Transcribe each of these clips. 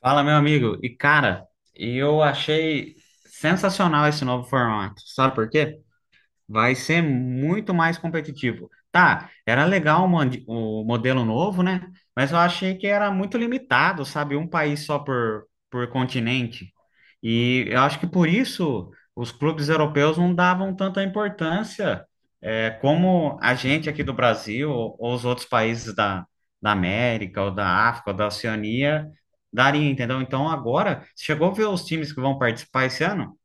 Fala, meu amigo. E cara, eu achei sensacional esse novo formato. Sabe por quê? Vai ser muito mais competitivo. Tá, era legal o modelo novo, né? Mas eu achei que era muito limitado, sabe? Um país só por continente. E eu acho que por isso os clubes europeus não davam tanta importância, como a gente aqui do Brasil ou os outros países da América ou da África ou da Oceania daria, entendeu? Então agora, chegou a ver os times que vão participar esse ano?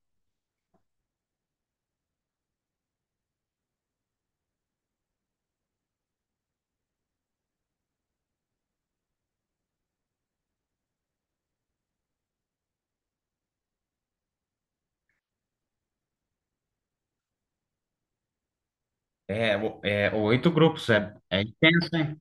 É oito grupos, é intenso, hein?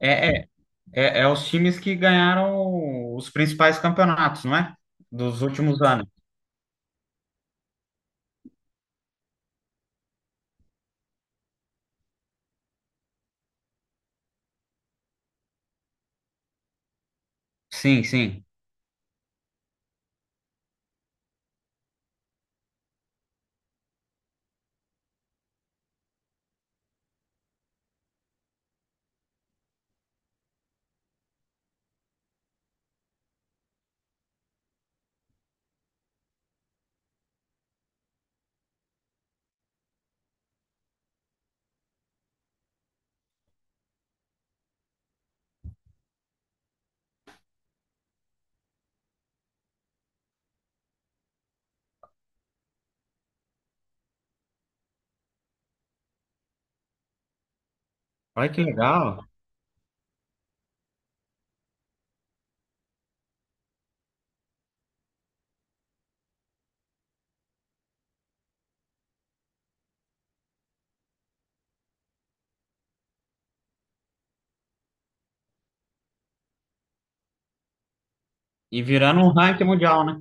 É, é, é os times que ganharam os principais campeonatos, não é? Dos últimos anos. Sim, sim. Olha que legal. E virando um ranking mundial, né?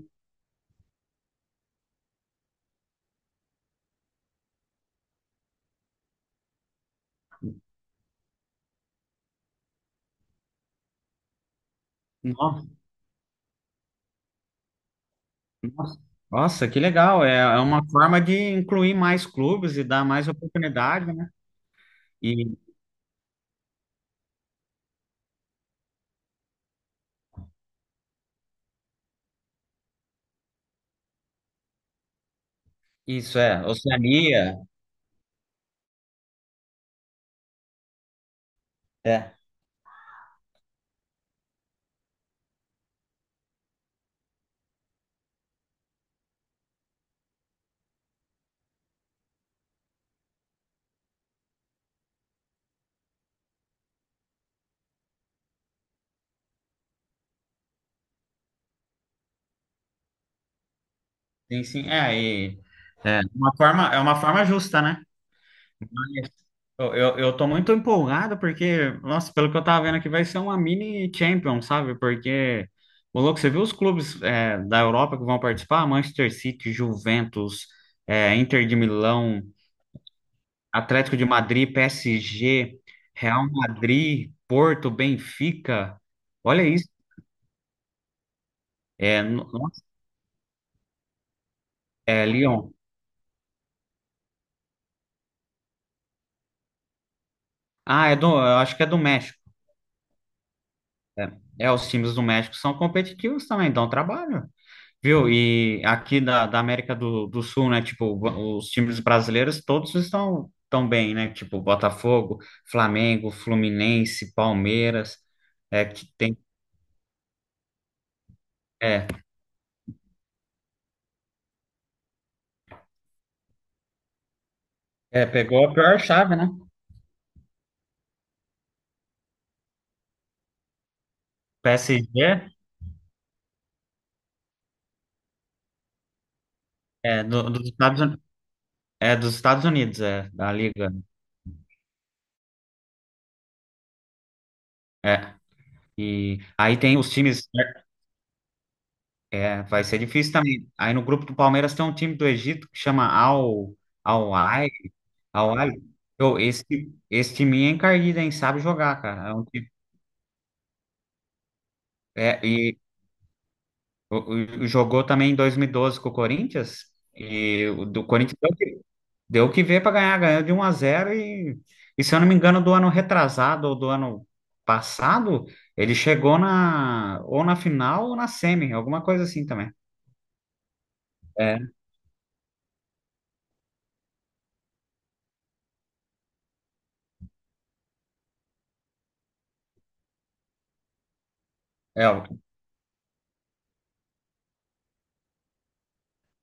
Nossa, nossa, Nossa, que legal. É, é uma forma de incluir mais clubes e dar mais oportunidade, né? E isso é, Oceania. É. Sim, sim. É, e é uma forma justa, né? Mas eu tô muito empolgado porque, nossa, pelo que eu tava vendo aqui, vai ser uma mini Champions, sabe? Porque, o louco, você viu os clubes da Europa que vão participar? Manchester City, Juventus, Inter de Milão, Atlético de Madrid, PSG, Real Madrid, Porto, Benfica. Olha isso. É, nossa, é Lyon. Ah, eu acho que é do México. É, é, os times do México são competitivos também, dão trabalho. Viu? E aqui da América do Sul, né? Tipo, os times brasileiros todos estão tão bem, né? Tipo, Botafogo, Flamengo, Fluminense, Palmeiras, é que tem. É, é, pegou a pior chave, né? PSG é do- dos Estados, Uni- é dos Estados Unidos, da Liga, né? É. E aí tem os times, né? É, vai ser difícil também. Aí no grupo do Palmeiras tem um time do Egito que chama Al Ahly, Al Ahly. Pô, esse time é encardido, hein? Sabe jogar, cara. É, e jogou também em 2012 com o Corinthians e o do Corinthians deu que ver para ganhar, ganhou de 1-0 e, se eu não me engano do ano retrasado ou do ano passado, ele chegou na ou na final ou na semi, alguma coisa assim também. É, é,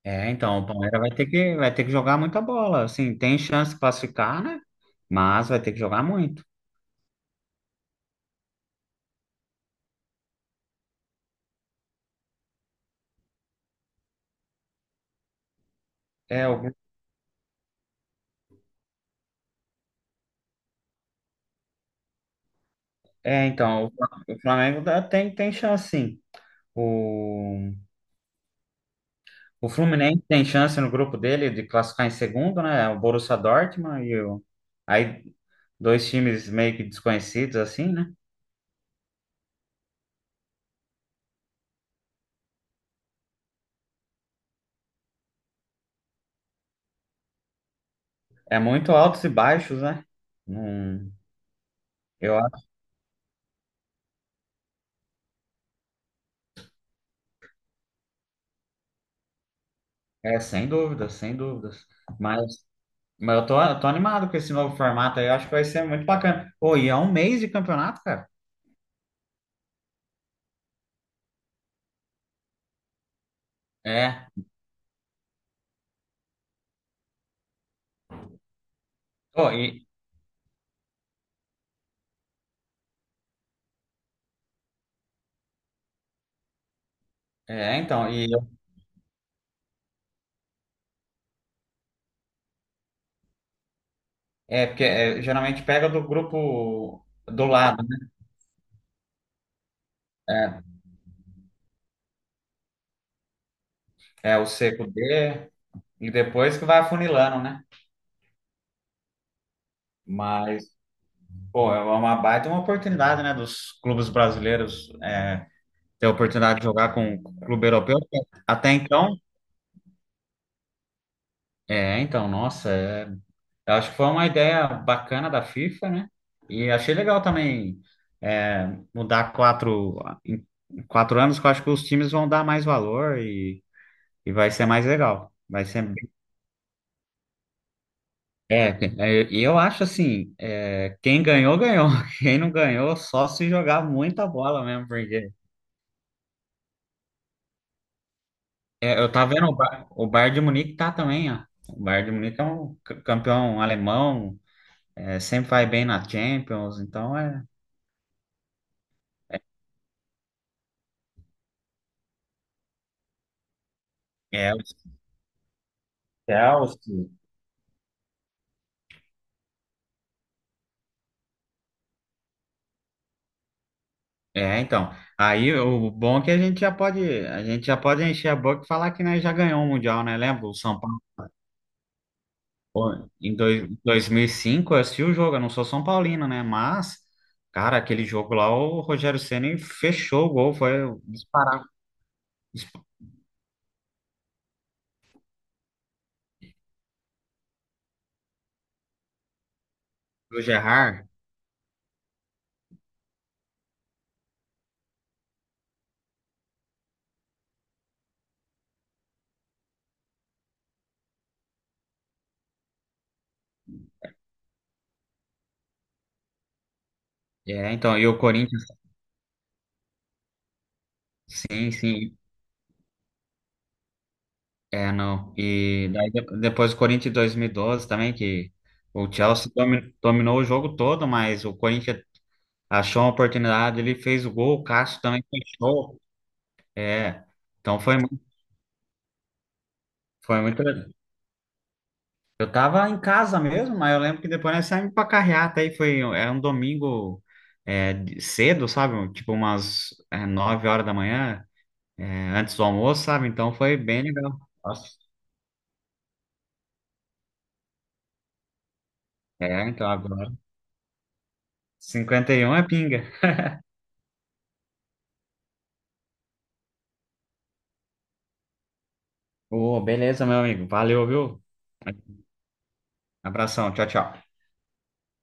É, então, o Palmeiras vai ter que jogar muita bola. Assim, tem chance de classificar, né? Mas vai ter que jogar muito. É, o, é então, o Flamengo tem, chance, sim. O, o Fluminense tem chance no grupo dele de classificar em segundo, né? O Borussia Dortmund e o. Aí, dois times meio que desconhecidos, assim, né? É muito altos e baixos, né? Não, eu acho. É, sem dúvidas, sem dúvidas. Mas. Mas eu tô animado com esse novo formato aí, eu acho que vai ser muito bacana. Ô, e é um mês de campeonato, cara? É. Ô, e, é, então, e É porque geralmente pega do grupo do lado, né? É, é o seco D e depois que vai afunilando, né? Mas, pô, é uma baita uma oportunidade, né, dos clubes brasileiros ter a oportunidade de jogar com o clube europeu. Até então, é, então, nossa, é Eu acho que foi uma ideia bacana da FIFA, né? E achei legal também, é, mudar quatro, em 4 anos, que eu acho que os times vão dar mais valor e vai ser mais legal. Vai ser. É, e eu acho assim, quem ganhou, ganhou. Quem não ganhou, só se jogar muita bola mesmo, porque eu tava vendo o Bayern de Munique tá também, ó. O Bayern de Munique é um campeão alemão, sempre vai bem na Champions, então é o Chelsea. É, então. Aí o bom é que a gente já pode encher a boca e falar que nós já ganhou o Mundial, né? Lembra? O São Paulo pô, em 2005, eu assisti o jogo, eu não sou São Paulino, né? Mas, cara, aquele jogo lá, o Rogério Ceni fechou o gol, foi disparado do Gerrard. É, então, e o Corinthians, sim, sim, é, não. E daí depois o Corinthians em 2012 também, que o Chelsea dominou o jogo todo, mas o Corinthians achou uma oportunidade, ele fez o gol, o Cássio também fechou. É, então foi muito. Eu tava em casa mesmo, mas eu lembro que depois nós saímos pra carreata aí, era um domingo cedo, sabe? Tipo umas 9 horas da manhã, é, antes do almoço, sabe? Então foi bem legal. Nossa, então agora 51 é pinga. Ô, beleza, meu amigo, valeu, viu? Abração, tchau, tchau.